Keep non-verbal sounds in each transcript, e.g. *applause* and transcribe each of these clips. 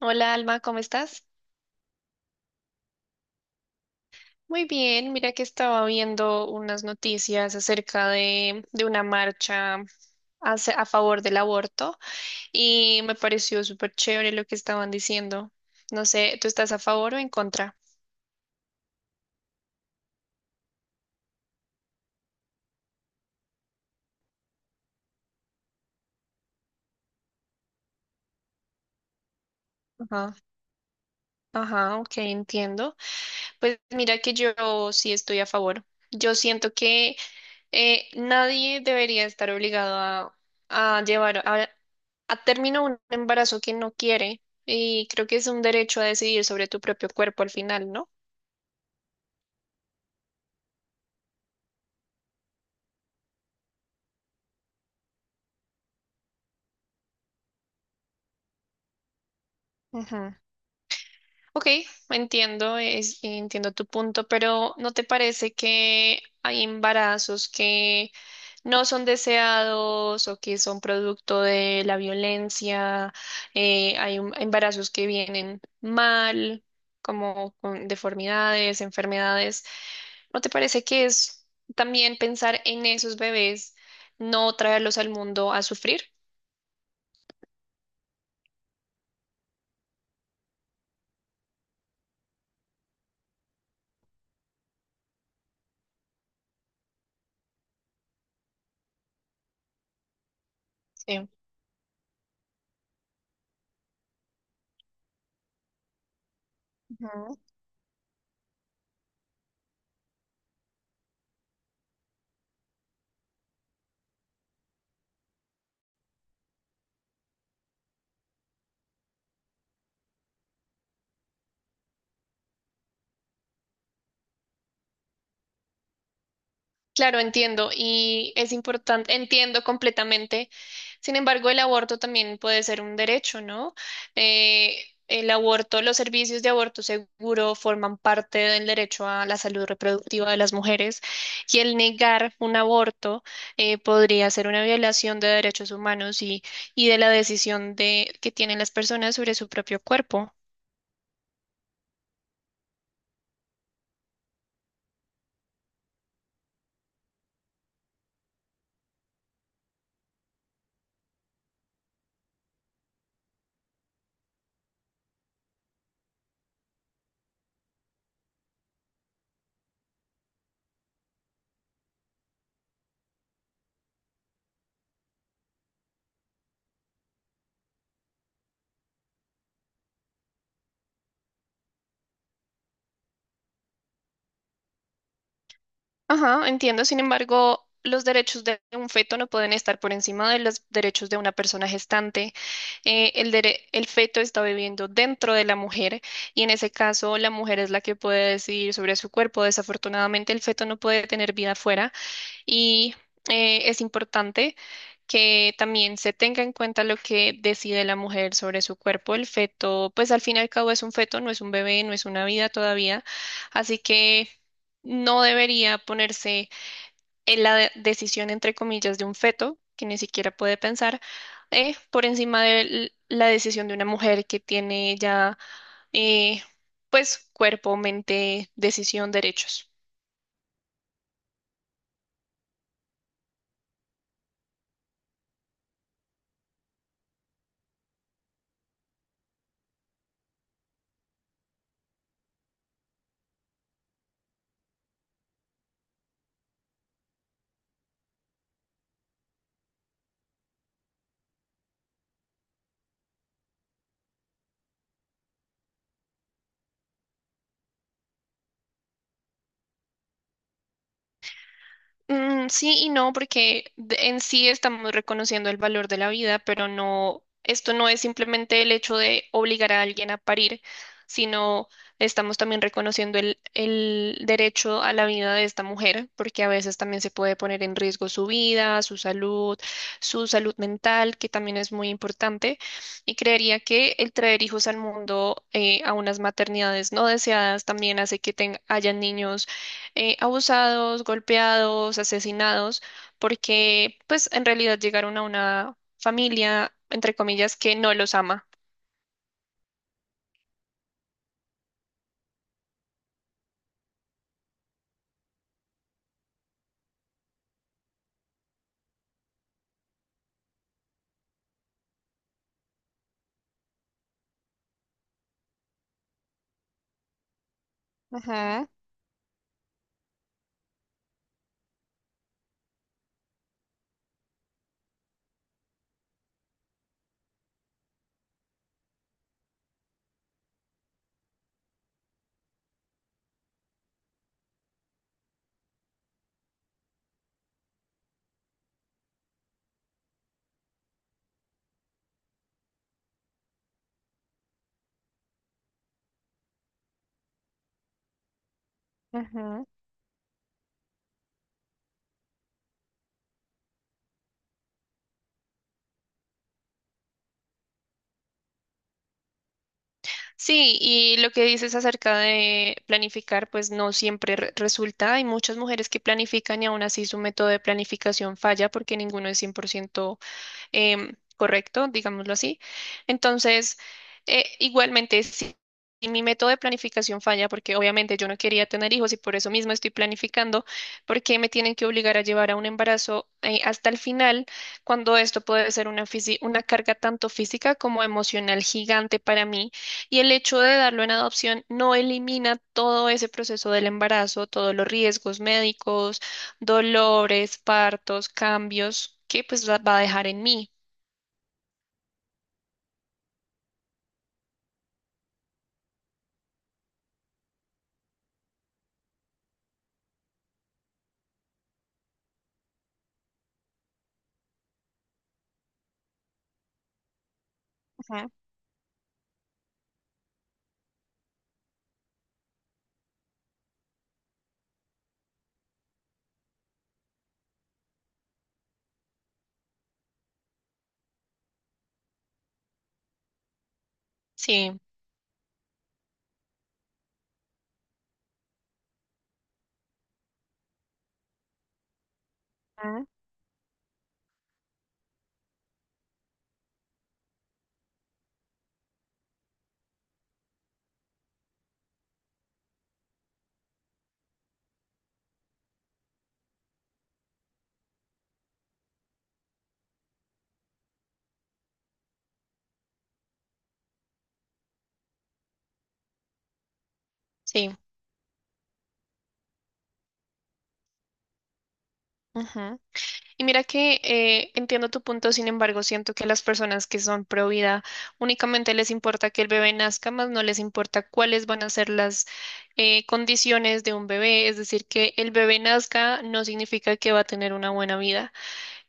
Hola Alma, ¿cómo estás? Muy bien, mira que estaba viendo unas noticias acerca de una marcha a favor del aborto y me pareció súper chévere lo que estaban diciendo. No sé, ¿tú estás a favor o en contra? Ajá, ajá, ok, entiendo. Pues mira que yo sí estoy a favor. Yo siento que nadie debería estar obligado a llevar a término un embarazo que no quiere, y creo que es un derecho a decidir sobre tu propio cuerpo al final, ¿no? Ujú. Ok, entiendo, entiendo tu punto, pero ¿no te parece que hay embarazos que no son deseados o que son producto de la violencia? Hay embarazos que vienen mal, como con deformidades, enfermedades. ¿No te parece que es también pensar en esos bebés, no traerlos al mundo a sufrir? Sí. Claro, entiendo y es importante, entiendo completamente. Sin embargo, el aborto también puede ser un derecho, ¿no? Eh, el aborto, los servicios de aborto seguro, forman parte del derecho a la salud reproductiva de las mujeres, y el negar un aborto podría ser una violación de derechos humanos, y de la decisión que tienen las personas sobre su propio cuerpo. Ajá, entiendo. Sin embargo, los derechos de un feto no pueden estar por encima de los derechos de una persona gestante. El feto está viviendo dentro de la mujer, y en ese caso la mujer es la que puede decidir sobre su cuerpo. Desafortunadamente, el feto no puede tener vida afuera. Y es importante que también se tenga en cuenta lo que decide la mujer sobre su cuerpo. El feto, pues al fin y al cabo, es un feto, no es un bebé, no es una vida todavía. Así que no debería ponerse en la decisión, entre comillas, de un feto, que ni siquiera puede pensar, por encima de la decisión de una mujer que tiene ya, eh, pues, cuerpo, mente, decisión, derechos. Mm, sí y no, porque en sí estamos reconociendo el valor de la vida, pero no, esto no es simplemente el hecho de obligar a alguien a parir, sino estamos también reconociendo el derecho a la vida de esta mujer, porque a veces también se puede poner en riesgo su vida, su salud mental, que también es muy importante. Y creería que el traer hijos al mundo, a unas maternidades no deseadas, también hace que tengan, hayan niños abusados, golpeados, asesinados, porque pues en realidad llegaron a una familia, entre comillas, que no los ama. Ajá, ajá. Sí, y lo que dices acerca de planificar, pues no siempre resulta. Hay muchas mujeres que planifican y aún así su método de planificación falla, porque ninguno es cien por ciento, correcto, digámoslo así. Entonces, igualmente, si mi método de planificación falla, porque obviamente yo no quería tener hijos y por eso mismo estoy planificando, porque me tienen que obligar a llevar a un embarazo hasta el final, cuando esto puede ser una carga tanto física como emocional, gigante para mí. Y el hecho de darlo en adopción no elimina todo ese proceso del embarazo, todos los riesgos médicos, dolores, partos, cambios que pues va a dejar en mí. Ajá, sí, ajá, sí. Ajá. Y mira que entiendo tu punto, sin embargo, siento que las personas que son pro vida únicamente les importa que el bebé nazca, más no les importa cuáles van a ser las condiciones de un bebé. Es decir, que el bebé nazca no significa que va a tener una buena vida,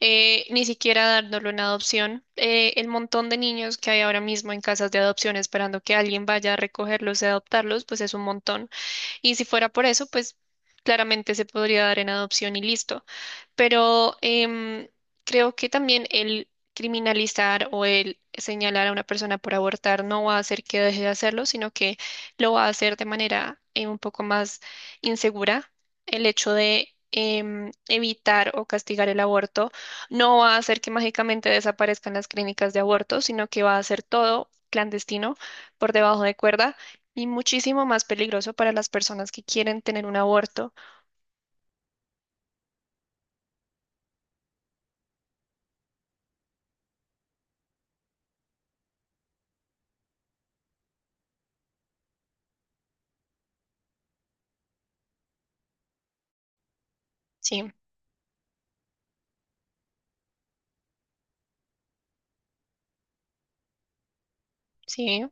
ni siquiera dándolo en adopción. El montón de niños que hay ahora mismo en casas de adopción esperando que alguien vaya a recogerlos y adoptarlos, pues es un montón. Y si fuera por eso, pues claramente se podría dar en adopción y listo. Pero creo que también el criminalizar o el señalar a una persona por abortar no va a hacer que deje de hacerlo, sino que lo va a hacer de manera un poco más insegura. El hecho de evitar o castigar el aborto no va a hacer que mágicamente desaparezcan las clínicas de aborto, sino que va a hacer todo clandestino, por debajo de cuerda, y muchísimo más peligroso para las personas que quieren tener un aborto. Sí, sí,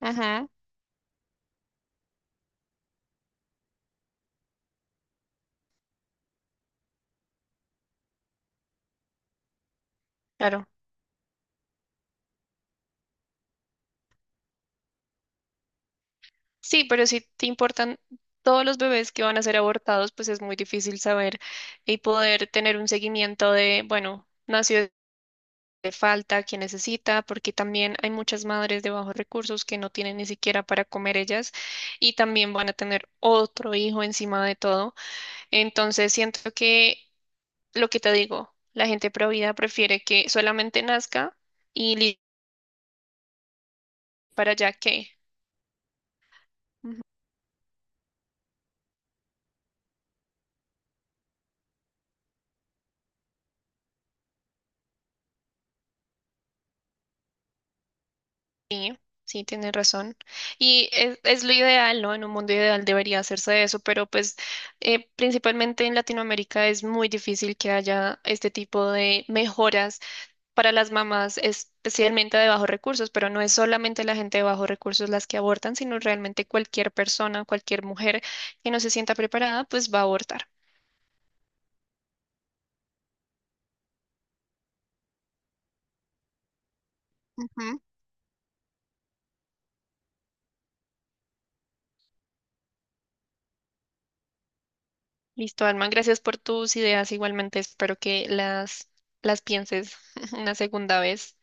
ujú, claro. Sí, pero si te importan todos los bebés que van a ser abortados, pues es muy difícil saber y poder tener un seguimiento de, bueno, nació, de falta, quién necesita, porque también hay muchas madres de bajos recursos que no tienen ni siquiera para comer ellas, y también van a tener otro hijo encima de todo. Entonces, siento que, lo que te digo, la gente provida prefiere que solamente nazca y para allá que. Sí, tienes razón. Y es lo ideal, ¿no? En un mundo ideal debería hacerse eso, pero pues principalmente en Latinoamérica es muy difícil que haya este tipo de mejoras para las mamás, especialmente de bajos recursos, pero no es solamente la gente de bajos recursos las que abortan, sino realmente cualquier persona, cualquier mujer que no se sienta preparada, pues va a abortar. Ujú. Listo, Alma, gracias por tus ideas. Igualmente espero que las pienses *laughs* una segunda vez.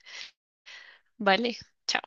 Vale, chao.